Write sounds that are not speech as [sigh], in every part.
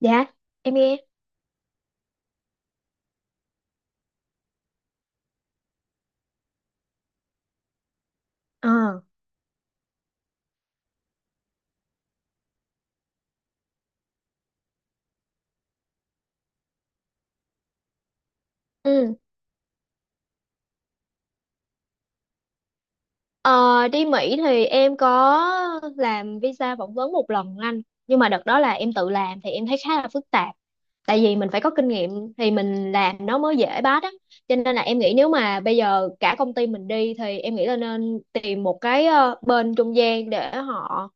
Dạ, em nghe. Ờ, Ừ. Ờ, Đi Mỹ thì em có làm visa phỏng vấn một lần anh. Nhưng mà đợt đó là em tự làm thì em thấy khá là phức tạp. Tại vì mình phải có kinh nghiệm thì mình làm nó mới dễ bắt á. Cho nên là em nghĩ nếu mà bây giờ cả công ty mình đi thì em nghĩ là nên tìm một cái bên trung gian để họ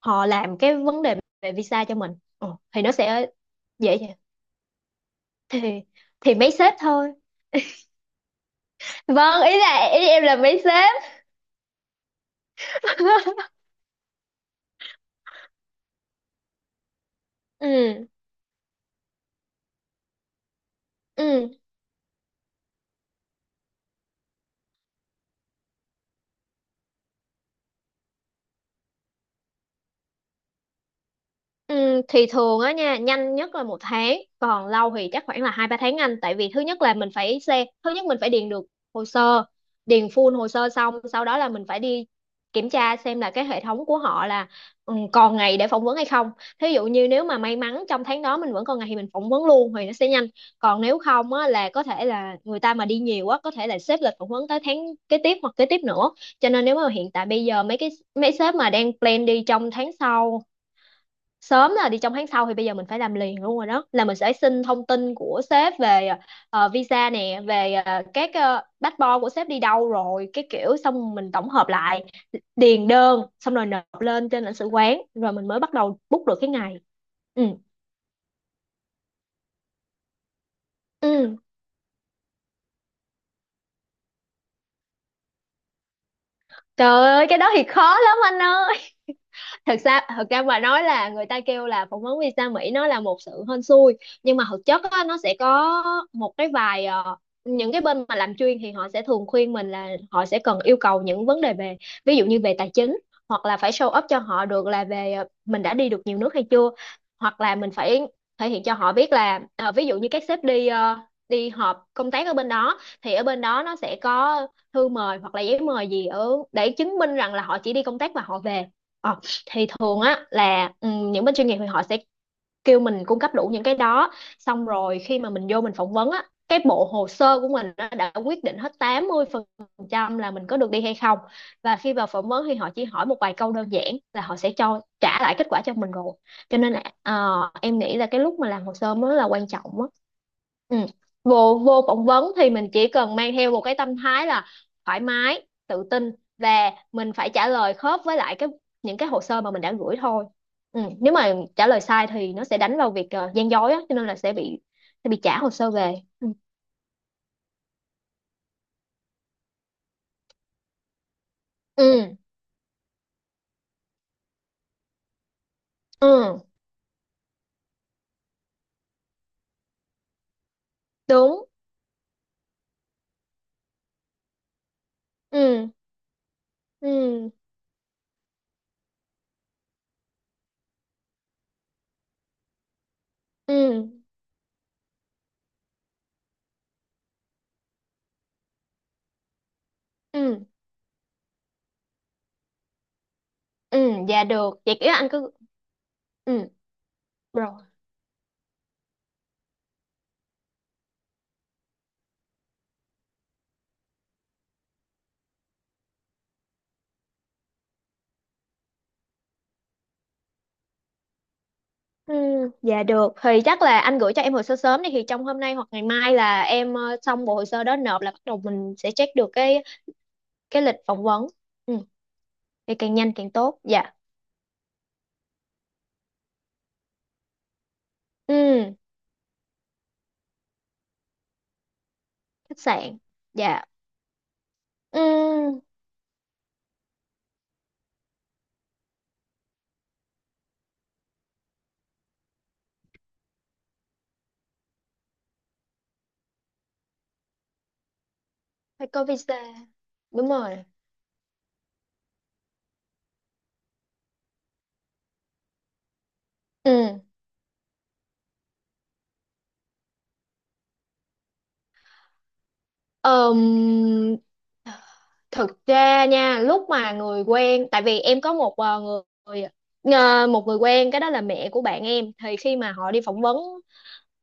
họ làm cái vấn đề về visa cho mình. Ừ, thì nó sẽ dễ dàng. Thì thì mấy sếp thôi. Vâng, ý là ý em là mấy sếp. [laughs] Ừ. Ừ, ừ, thì thường á nha, nhanh nhất là 1 tháng, còn lâu thì chắc khoảng là 2 3 tháng anh. Tại vì thứ nhất là mình phải xem, thứ nhất mình phải điền được hồ sơ, điền full hồ sơ, xong sau đó là mình phải đi kiểm tra xem là cái hệ thống của họ là còn ngày để phỏng vấn hay không. Thí dụ như nếu mà may mắn trong tháng đó mình vẫn còn ngày thì mình phỏng vấn luôn thì nó sẽ nhanh, còn nếu không á là có thể là người ta mà đi nhiều quá, có thể là xếp lịch phỏng vấn tới tháng kế tiếp hoặc kế tiếp nữa. Cho nên nếu mà hiện tại bây giờ mấy sếp mà đang plan đi trong tháng sau, sớm là đi trong tháng sau thì bây giờ mình phải làm liền luôn rồi. Đó là mình sẽ xin thông tin của sếp về visa nè, về các passport của sếp đi đâu rồi cái kiểu, xong mình tổng hợp lại, điền đơn xong rồi nộp lên trên lãnh sự quán rồi mình mới bắt đầu book được cái ngày. Ừ ừ Trời ơi, cái đó thì khó lắm anh ơi. Thật ra mà nói là người ta kêu là phỏng vấn visa Mỹ nó là một sự hên xui. Nhưng mà thực chất á, nó sẽ có một cái vài những cái bên mà làm chuyên thì họ sẽ thường khuyên mình là họ sẽ cần yêu cầu những vấn đề về ví dụ như về tài chính, hoặc là phải show up cho họ được là về mình đã đi được nhiều nước hay chưa, hoặc là mình phải thể hiện cho họ biết là ví dụ như các sếp đi đi họp công tác ở bên đó thì ở bên đó nó sẽ có thư mời hoặc là giấy mời gì ở để chứng minh rằng là họ chỉ đi công tác và họ về. Ờ, thì thường á là ừ, những bên chuyên nghiệp thì họ sẽ kêu mình cung cấp đủ những cái đó. Xong rồi khi mà mình vô mình phỏng vấn á, cái bộ hồ sơ của mình á, đã quyết định hết 80% là mình có được đi hay không. Và khi vào phỏng vấn thì họ chỉ hỏi một vài câu đơn giản là họ sẽ cho trả lại kết quả cho mình rồi. Cho nên là em nghĩ là cái lúc mà làm hồ sơ mới là quan trọng á. Ừ. vô vô phỏng vấn thì mình chỉ cần mang theo một cái tâm thái là thoải mái tự tin, và mình phải trả lời khớp với lại cái những cái hồ sơ mà mình đã gửi thôi. Ừ. Nếu mà trả lời sai thì nó sẽ đánh vào việc gian dối á, cho nên là sẽ bị trả hồ sơ về. Ừ ừ ừ, đúng. Ừ ừ ừ ừ Ừ, dạ được, vậy kiểu anh cứ. Ừ, rồi. Ừ, dạ được, thì chắc là anh gửi cho em hồ sơ sớm đi, thì trong hôm nay hoặc ngày mai là em xong bộ hồ sơ đó, nộp là bắt đầu mình sẽ check được cái lịch phỏng vấn. Ừ, thì càng nhanh càng tốt dạ. Ừ, khách sạn. Dạ. Ừ, phải có visa, đúng rồi. Ừ. Ờm, thực ra nha, lúc mà người quen, tại vì em có một người một người quen, cái đó là mẹ của bạn em, thì khi mà họ đi phỏng vấn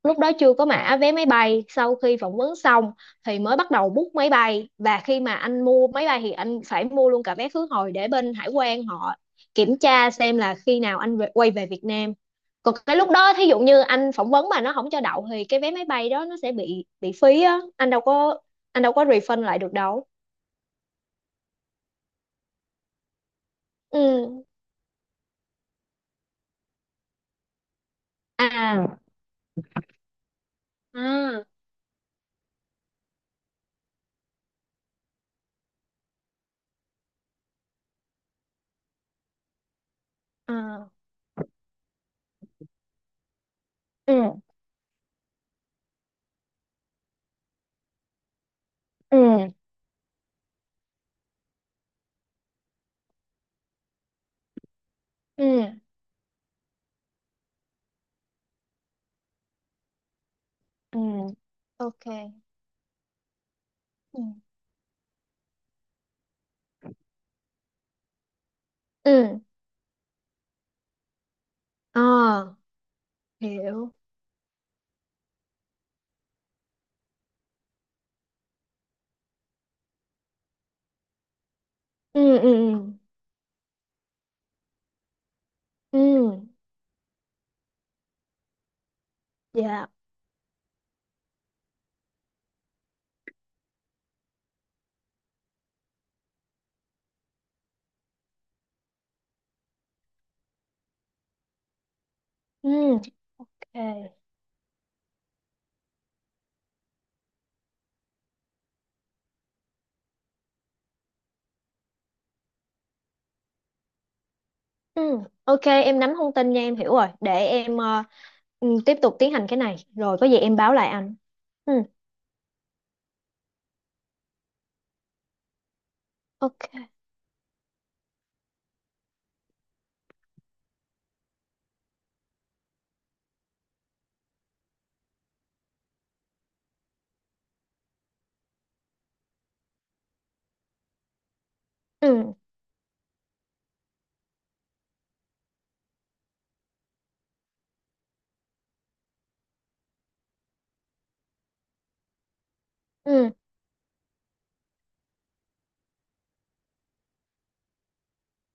lúc đó chưa có mã vé máy bay, sau khi phỏng vấn xong thì mới bắt đầu book máy bay. Và khi mà anh mua máy bay thì anh phải mua luôn cả vé khứ hồi để bên hải quan họ kiểm tra xem là khi nào anh về- quay về Việt Nam. Còn cái lúc đó thí dụ như anh phỏng vấn mà nó không cho đậu thì cái vé máy bay đó nó sẽ bị phí á, anh đâu có, anh đâu có refund lại được đâu. Ừ. À à à. Ừ. ừ ừ ừ. Ok. Ừ ừ À, hiểu. Ừ ừ ừ Ừ. Dạ. Ừ, ok. Ừ, ok, em nắm thông tin nha, em hiểu rồi, để em ừ, tiếp tục tiến hành cái này rồi có gì em báo lại anh. Ừ, ok. Ừ ừ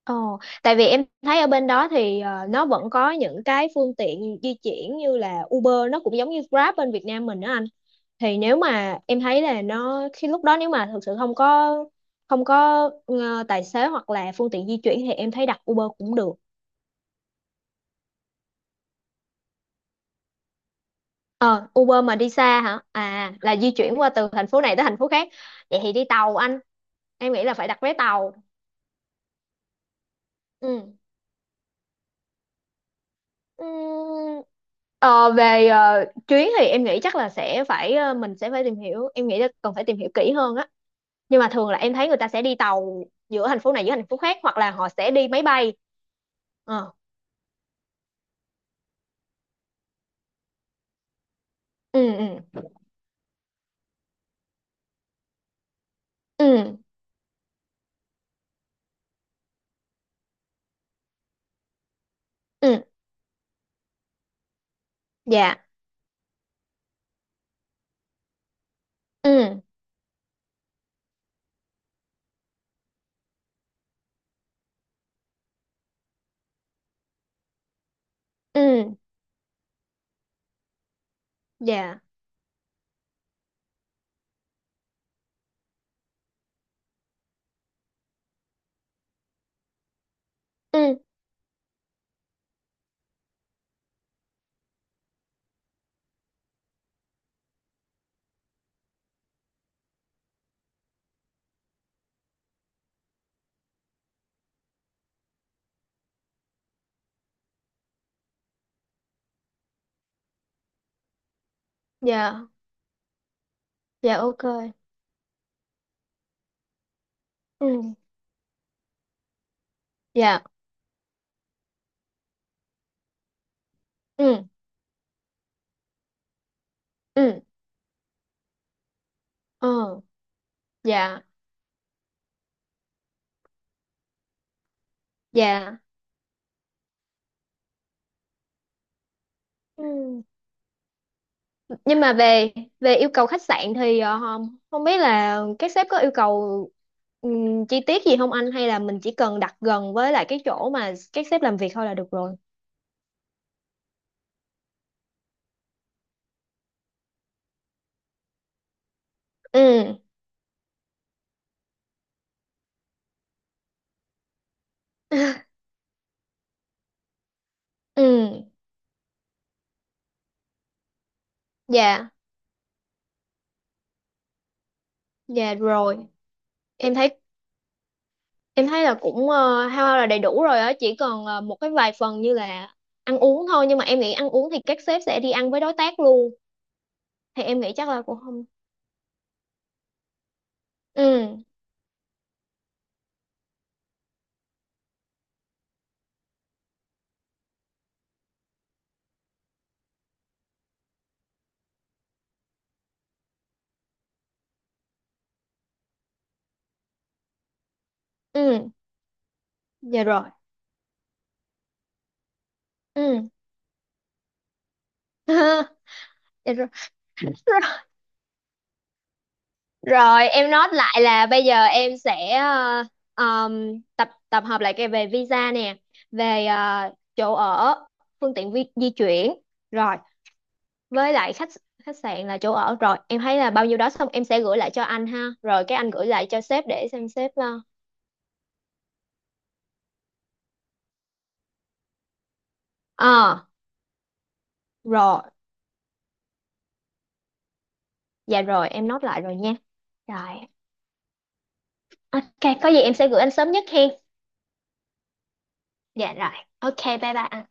Ồ, tại vì em thấy ở bên đó thì nó vẫn có những cái phương tiện di chuyển như là Uber, nó cũng giống như Grab bên Việt Nam mình đó anh. Thì nếu mà em thấy là nó khi lúc đó nếu mà thực sự không có tài xế hoặc là phương tiện di chuyển thì em thấy đặt Uber cũng được. Ờ, Uber mà đi xa hả? À, là di chuyển qua từ thành phố này tới thành phố khác. Vậy thì đi tàu anh. Em nghĩ là phải đặt vé tàu. Ừ. Ừm, ờ, về chuyến thì em nghĩ chắc là sẽ phải mình sẽ phải tìm hiểu. Em nghĩ là cần phải tìm hiểu kỹ hơn á. Nhưng mà thường là em thấy người ta sẽ đi tàu giữa thành phố này giữa thành phố khác, hoặc là họ sẽ đi máy bay. Ờ. Ừ ừ ừ ừ. Dạ. Ừ ừ. Dạ. Ừ. Dạ. Dạ ok. Ừ. Dạ. Ừ ừ. Ờ. Dạ. Dạ. Ừ. Nhưng mà về về yêu cầu khách sạn thì không không biết là các sếp có yêu cầu chi tiết gì không anh, hay là mình chỉ cần đặt gần với lại cái chỗ mà các sếp làm việc thôi là được rồi. Ừ. [laughs] Ừ. Dạ. Dạ rồi. Em thấy em thấy là cũng hao hao là đầy đủ rồi á, chỉ còn một cái vài phần như là ăn uống thôi, nhưng mà em nghĩ ăn uống thì các sếp sẽ đi ăn với đối tác luôn. Thì em nghĩ chắc là cũng không. Ừ ừ Dạ rồi. Ừ. [laughs] Dạ rồi. Rồi, em nói lại là bây giờ em sẽ ờ, tập tập hợp lại cái về visa nè, về chỗ ở, phương tiện di chuyển, rồi với lại khách khách sạn là chỗ ở rồi. Em thấy là bao nhiêu đó, xong em sẽ gửi lại cho anh ha, rồi cái anh gửi lại cho sếp để xem sếp lo. Ờ rồi, dạ rồi, em nốt lại rồi nha. Rồi, ok, có gì em sẽ gửi anh sớm nhất hen. Dạ rồi, ok, bye bye anh.